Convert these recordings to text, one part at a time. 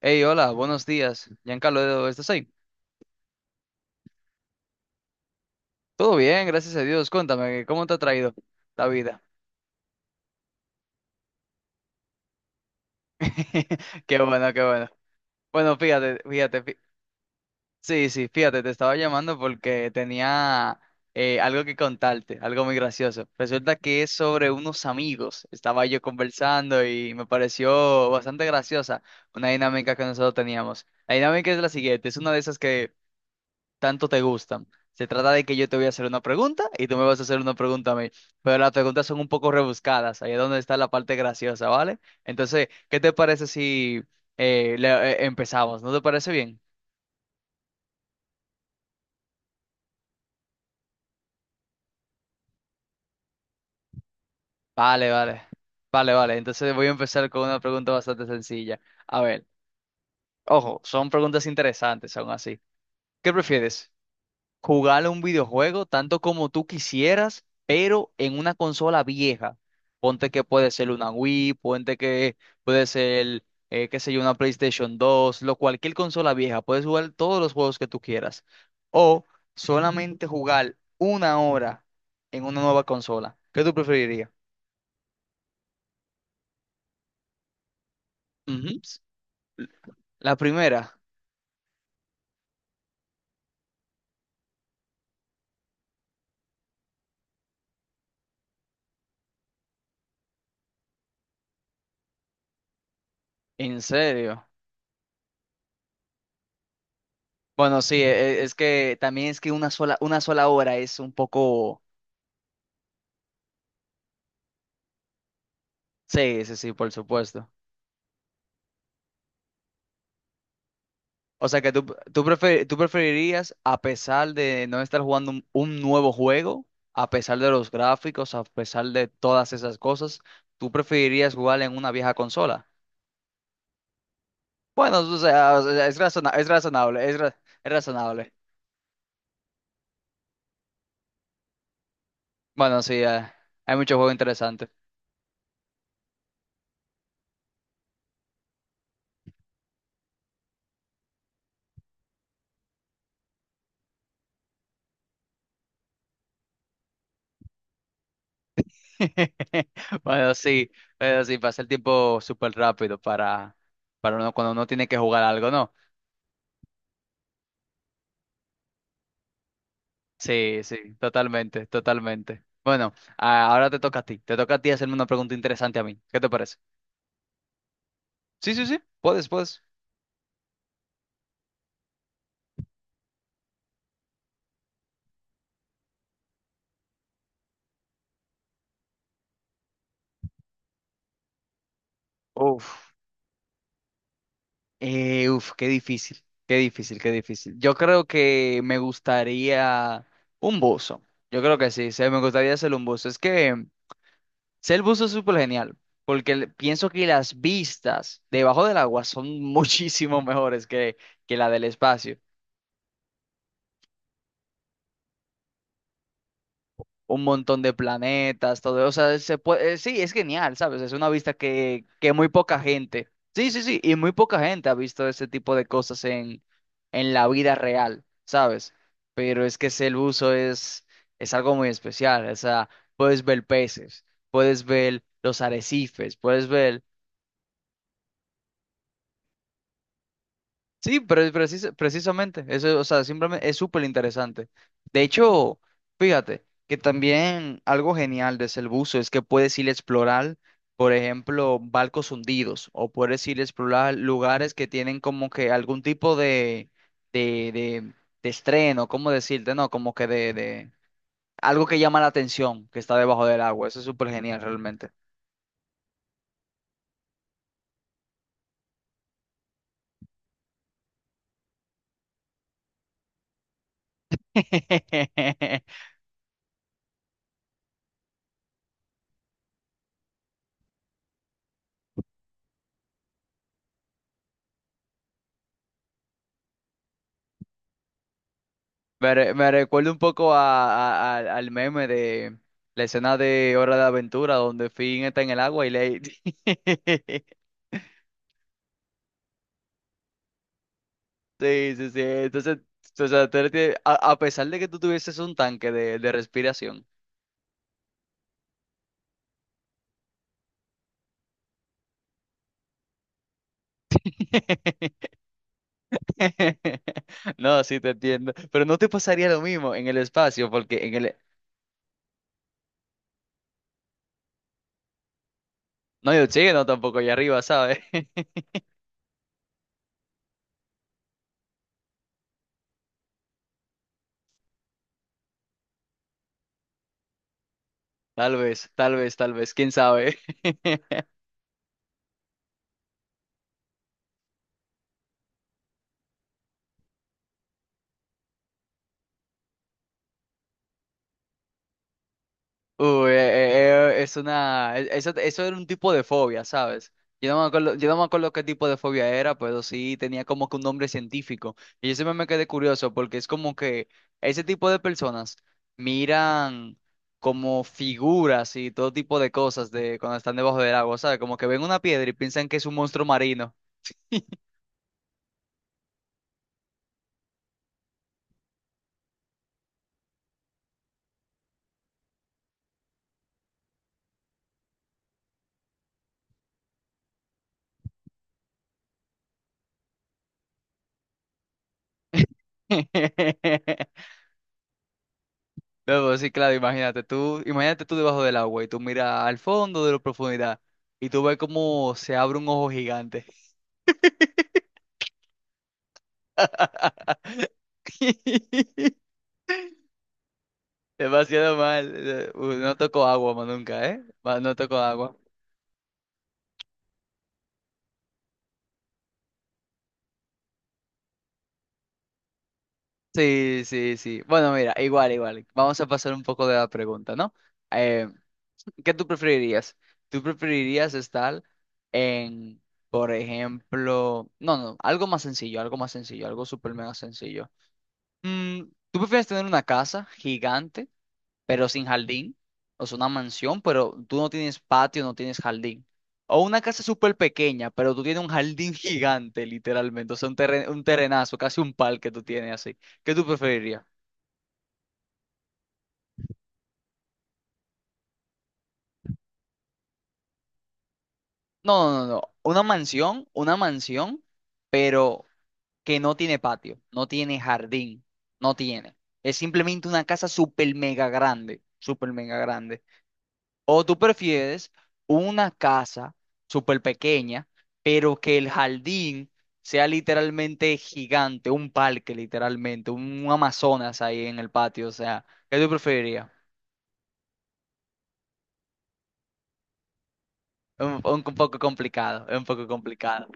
Hey, hola, buenos días. Giancarlo, ¿estás ahí? Todo bien, gracias a Dios. Cuéntame, ¿cómo te ha traído la vida? Qué bueno, qué bueno. Bueno, fíjate, fíjate, sí, sí, fíjate, te estaba llamando porque tenía algo que contarte, algo muy gracioso. Resulta que es sobre unos amigos. Estaba yo conversando y me pareció bastante graciosa una dinámica que nosotros teníamos. La dinámica es la siguiente, es una de esas que tanto te gustan. Se trata de que yo te voy a hacer una pregunta y tú me vas a hacer una pregunta a mí. Pero las preguntas son un poco rebuscadas, ahí es donde está la parte graciosa, ¿vale? Entonces, ¿qué te parece si empezamos? ¿No te parece bien? Vale, vale. Vale, vale. Entonces voy a empezar con una pregunta bastante sencilla. A ver, ojo, son preguntas interesantes aún así. ¿Qué prefieres? Jugar un videojuego tanto como tú quisieras, pero en una consola vieja. Ponte que puede ser una Wii, ponte que puede ser, qué sé yo, una PlayStation 2 lo, cualquier consola vieja. Puedes jugar todos los juegos que tú quieras. O solamente jugar 1 hora en una nueva consola. ¿Qué tú preferirías? Ujú. La primera, ¿en serio? Bueno, sí, es que también es que una sola hora es un poco... Sí, sí, sí, por supuesto. O sea que tú preferirías, a pesar de no estar jugando un nuevo juego, a pesar de los gráficos, a pesar de todas esas cosas, tú preferirías jugar en una vieja consola. Bueno, o sea, es razonable, es razonable. Bueno, sí, hay muchos juegos interesantes. Bueno, sí, pero sí, pasa el tiempo súper rápido para uno, cuando uno tiene que jugar algo, ¿no? Sí, sí, totalmente, totalmente. Bueno, ahora te toca a ti. Te toca a ti hacerme una pregunta interesante a mí. ¿Qué te parece? Sí, sí, sí. Puedes, puedes. Uf, uf, qué difícil, qué difícil, qué difícil. Yo creo que me gustaría un buzo. Yo creo que sí, sí, me gustaría ser un buzo. Es que ser buzo es súper genial, porque pienso que las vistas debajo del agua son muchísimo mejores que, la del espacio. Un montón de planetas, todo, o sea, se puede, sí, es genial, ¿sabes? Es una vista que, muy poca gente, sí, sí, sí, y muy poca gente ha visto ese tipo de cosas en la vida real, ¿sabes? Pero es que ese el uso es algo muy especial, o sea, puedes ver peces, puedes ver los arrecifes, puedes ver sí, pero precisamente, eso, o sea, simplemente es súper interesante. De hecho, fíjate que también algo genial de ese buzo es que puedes ir a explorar, por ejemplo, barcos hundidos o puedes ir a explorar lugares que tienen como que algún tipo de, de, de estreno, ¿cómo decirte? No, como que de algo que llama la atención, que está debajo del agua. Eso es súper genial realmente. Me, me recuerda un poco a, al meme de la escena de Hora de Aventura, donde Finn está en el agua y le... Sí, sí, sí. Entonces, o sea, tú a pesar de que tú tuvieses un tanque de respiración. No, sí te entiendo. Pero no te pasaría lo mismo en el espacio, porque en el... No, yo hay no tampoco allá arriba, ¿sabes? Tal vez, tal vez, tal vez, quién sabe. Uy, eso, eso era un tipo de fobia, ¿sabes? Yo no me acuerdo, yo no me acuerdo qué tipo de fobia era, pero sí tenía como que un nombre científico. Y yo siempre me quedé curioso porque es como que ese tipo de personas miran como figuras y todo tipo de cosas de cuando están debajo del agua, ¿sabes? Como que ven una piedra y piensan que es un monstruo marino. No, pues sí, claro, imagínate tú debajo del agua y tú miras al fondo de la profundidad y tú ves cómo se abre un ojo gigante. Demasiado mal. No toco agua más nunca, ¿eh? No toco agua. Sí, sí, sí. Bueno, mira, igual, igual. Vamos a pasar un poco de la pregunta, ¿no? Eh, ¿Qué tú preferirías? ¿Tú preferirías estar en, por ejemplo, no, no, algo más sencillo, algo más sencillo, algo súper mega sencillo. Mm, ¿tú prefieres tener una casa gigante, pero sin jardín? O sea, una mansión, pero tú no tienes patio, no tienes jardín. O una casa súper pequeña, pero tú tienes un jardín gigante, literalmente. O sea, un terrenazo, casi un parque tú tienes así. ¿Qué tú preferirías? No, no, no, no. Una mansión, pero que no tiene patio, no tiene jardín, no tiene. Es simplemente una casa súper mega grande, súper mega grande. ¿O tú prefieres una casa súper pequeña, pero que el jardín sea literalmente gigante, un parque literalmente, un Amazonas ahí en el patio? O sea, ¿qué tú preferirías? Un poco complicado, es un poco complicado.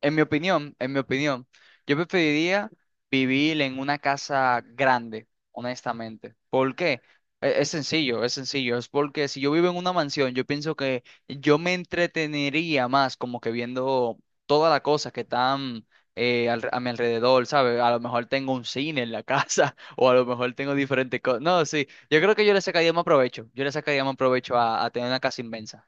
En mi opinión, yo preferiría vivir en una casa grande, honestamente. ¿Por qué? Es sencillo, es sencillo. Es porque si yo vivo en una mansión, yo pienso que yo me entretenería más como que viendo todas las cosas que están a mi alrededor, ¿sabes? A lo mejor tengo un cine en la casa o a lo mejor tengo diferentes cosas. No, sí, yo creo que yo le sacaría más provecho. Yo le sacaría más provecho a tener una casa inmensa.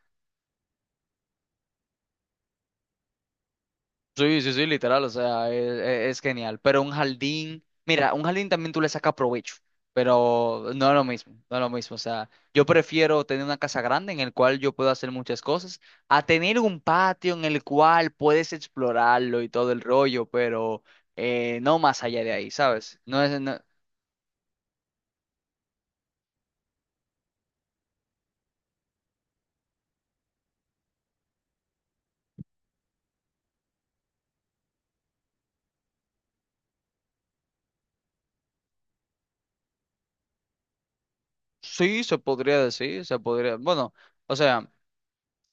Sí, sí, sí, literal, o sea, es, es genial. Pero un jardín, mira, un jardín también tú le sacas provecho, pero no es lo mismo, no es lo mismo. O sea, yo prefiero tener una casa grande en el cual yo puedo hacer muchas cosas, a tener un patio en el cual puedes explorarlo y todo el rollo, pero no más allá de ahí, ¿sabes? No es, no- sí, se podría decir, se podría, bueno, o sea.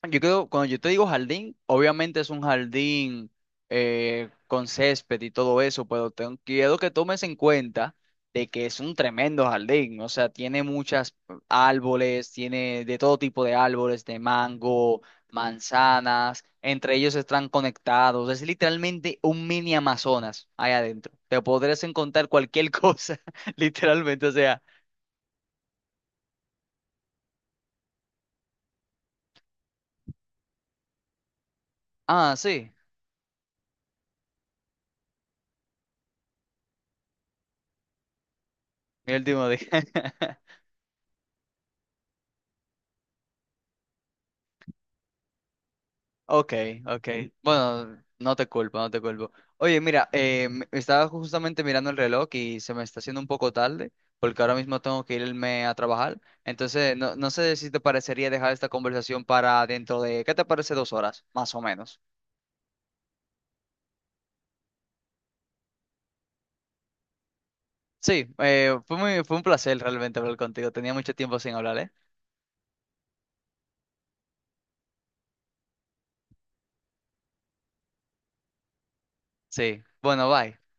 Yo creo, cuando yo te digo jardín, obviamente es un jardín con césped y todo eso, pero quiero que tomes en cuenta de que es un tremendo jardín, o sea, tiene muchas árboles, tiene de todo tipo de árboles, de mango, manzanas, entre ellos están conectados, es literalmente un mini Amazonas ahí adentro, te podrás encontrar cualquier cosa, literalmente, o sea, ah, sí, mi último día. Ok, ok. Bueno, no te culpo, no te culpo. Oye, mira, estaba justamente mirando el reloj y se me está haciendo un poco tarde porque ahora mismo tengo que irme a trabajar. Entonces, no, no sé si te parecería dejar esta conversación para dentro de, ¿qué te parece 2 horas, más o menos? Sí, fue un placer realmente hablar contigo. Tenía mucho tiempo sin hablar, ¿eh? Sí. Bueno, bye.